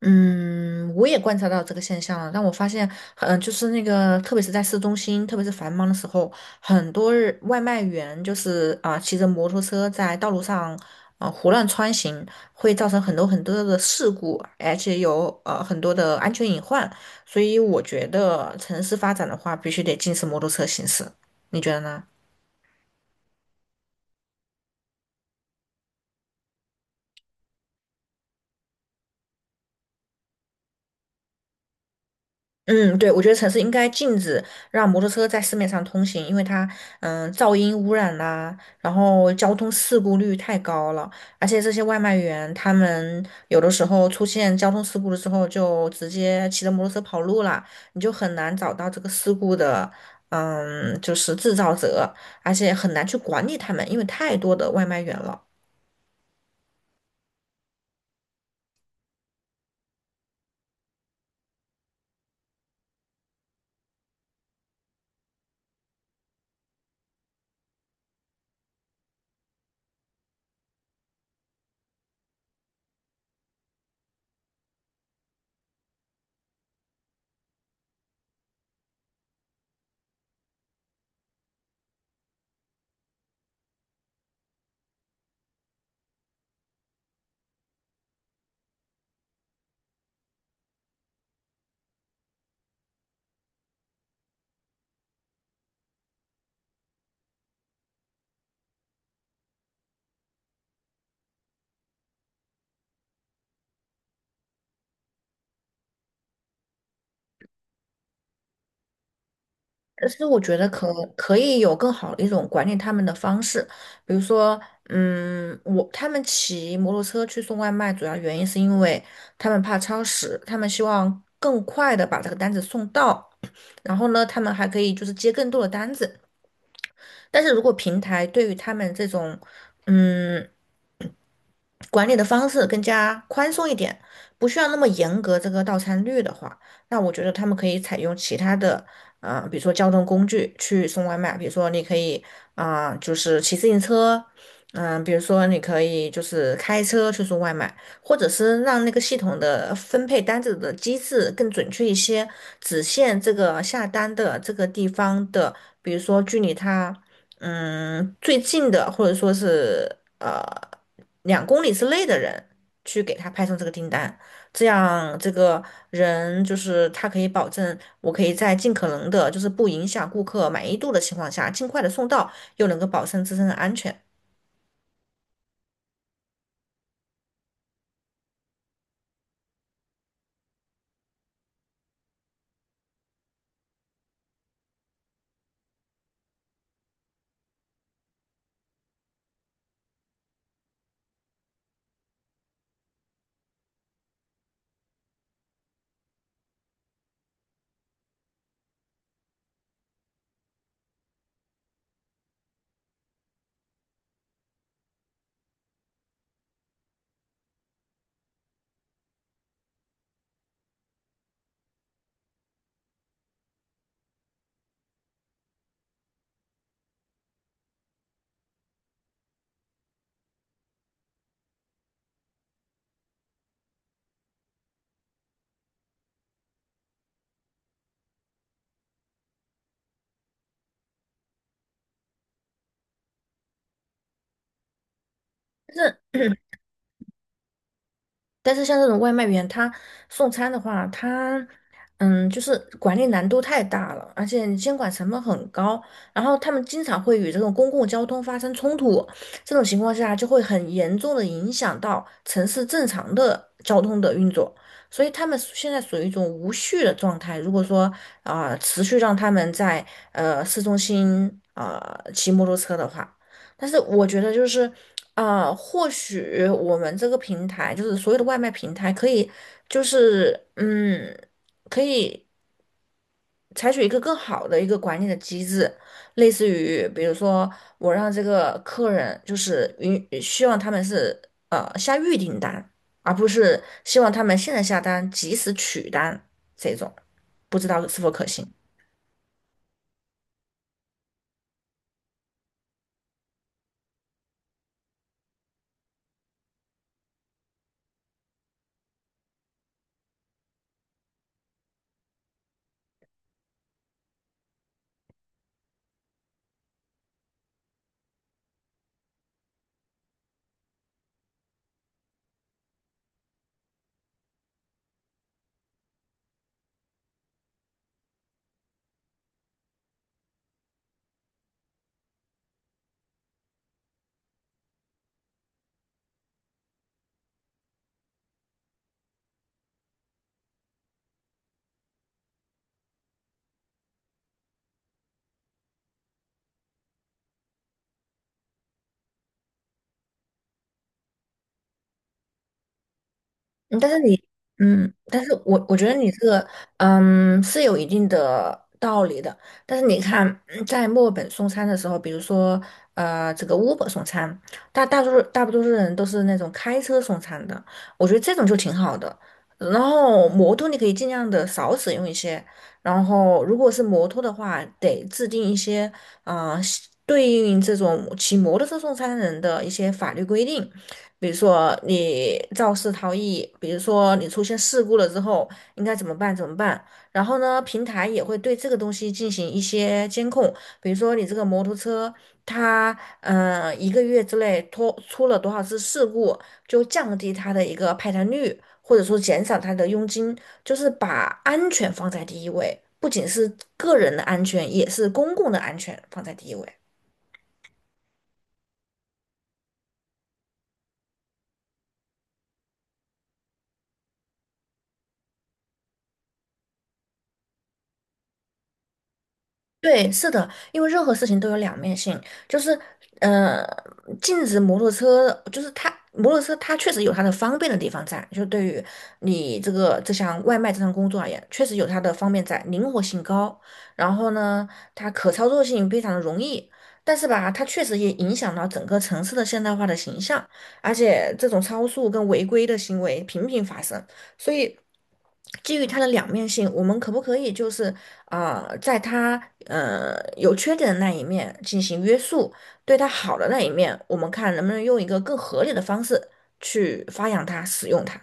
嗯，我也观察到这个现象了，但我发现，就是那个，特别是在市中心，特别是繁忙的时候，很多外卖员就是骑着摩托车在道路上胡乱穿行，会造成很多很多的事故，而且有很多的安全隐患。所以我觉得城市发展的话，必须得禁止摩托车行驶，你觉得呢？嗯，对，我觉得城市应该禁止让摩托车在市面上通行，因为它，噪音污染啦、然后交通事故率太高了，而且这些外卖员他们有的时候出现交通事故的时候，就直接骑着摩托车跑路了，你就很难找到这个事故的，就是制造者，而且很难去管理他们，因为太多的外卖员了。但是我觉得可以有更好的一种管理他们的方式，比如说，他们骑摩托车去送外卖，主要原因是因为他们怕超时，他们希望更快的把这个单子送到，然后呢，他们还可以就是接更多的单子。但是如果平台对于他们这种，嗯。管理的方式更加宽松一点，不需要那么严格这个到餐率的话，那我觉得他们可以采用其他的，比如说交通工具去送外卖，比如说你可以就是骑自行车，比如说你可以就是开车去送外卖，或者是让那个系统的分配单子的机制更准确一些，只限这个下单的这个地方的，比如说距离他最近的或者说是呃2公里之内的人去给他派送这个订单，这样这个人就是他可以保证我可以在尽可能的，就是不影响顾客满意度的情况下，尽快的送到，又能够保证自身的安全。但是像这种外卖员，他送餐的话，就是管理难度太大了，而且监管成本很高，然后他们经常会与这种公共交通发生冲突，这种情况下就会很严重的影响到城市正常的交通的运作，所以他们现在属于一种无序的状态。如果说持续让他们在市中心骑摩托车的话。但是我觉得就是或许我们这个平台，就是所有的外卖平台，可以就是可以采取一个更好的一个管理的机制，类似于比如说我让这个客人就是希望他们是下预订单，而不是希望他们现在下单及时取单这种，不知道是否可行。嗯但是你，嗯，但是我觉得你这个，是有一定的道理的。但是你看，在墨尔本送餐的时候，比如说，这个 Uber 送餐，大多数人都是那种开车送餐的，我觉得这种就挺好的。然后摩托你可以尽量的少使用一些，然后如果是摩托的话，得制定一些，啊、对应这种骑摩托车送餐人的一些法律规定。比如说你肇事逃逸，比如说你出现事故了之后应该怎么办？怎么办？然后呢，平台也会对这个东西进行一些监控，比如说你这个摩托车它一个月之内脱出了多少次事故，就降低它的一个派单率，或者说减少它的佣金，就是把安全放在第一位，不仅是个人的安全，也是公共的安全放在第一位。对，是的，因为任何事情都有两面性，就是，呃，禁止摩托车，就是它摩托车它确实有它的方便的地方在，就对于你这个这项外卖这项工作而言，确实有它的方便在，灵活性高，然后呢，它可操作性非常的容易，但是吧，它确实也影响到整个城市的现代化的形象，而且这种超速跟违规的行为频频发生，所以基于它的两面性，我们可不可以就是？啊，在他有缺点的那一面进行约束，对他好的那一面，我们看能不能用一个更合理的方式去发扬它、使用它。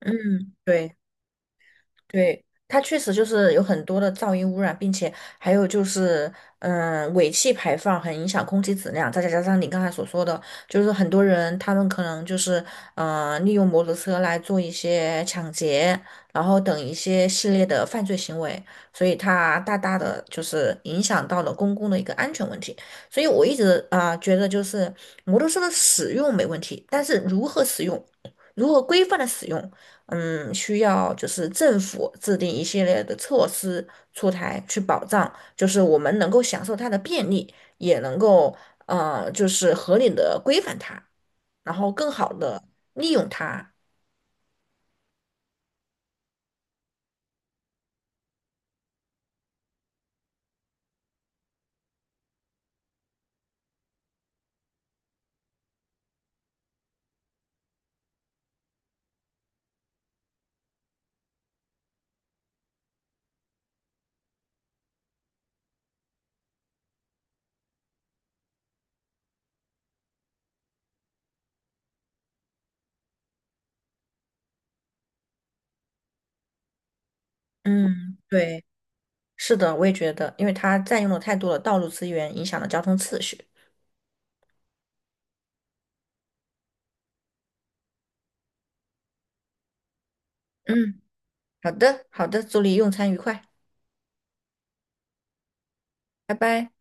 嗯，对。对，它确实就是有很多的噪音污染，并且还有就是，尾气排放很影响空气质量。再加上你刚才所说的，就是很多人他们可能就是，利用摩托车来做一些抢劫，然后等一些系列的犯罪行为，所以它大大的就是影响到了公共的一个安全问题。所以我一直觉得，就是摩托车的使用没问题，但是如何使用，如何规范的使用。需要就是政府制定一系列的措施出台，去保障就是我们能够享受它的便利，也能够就是合理的规范它，然后更好的利用它。嗯，对，是的，我也觉得，因为它占用了太多的道路资源，影响了交通秩序。嗯，好的，好的，祝你用餐愉快，拜拜。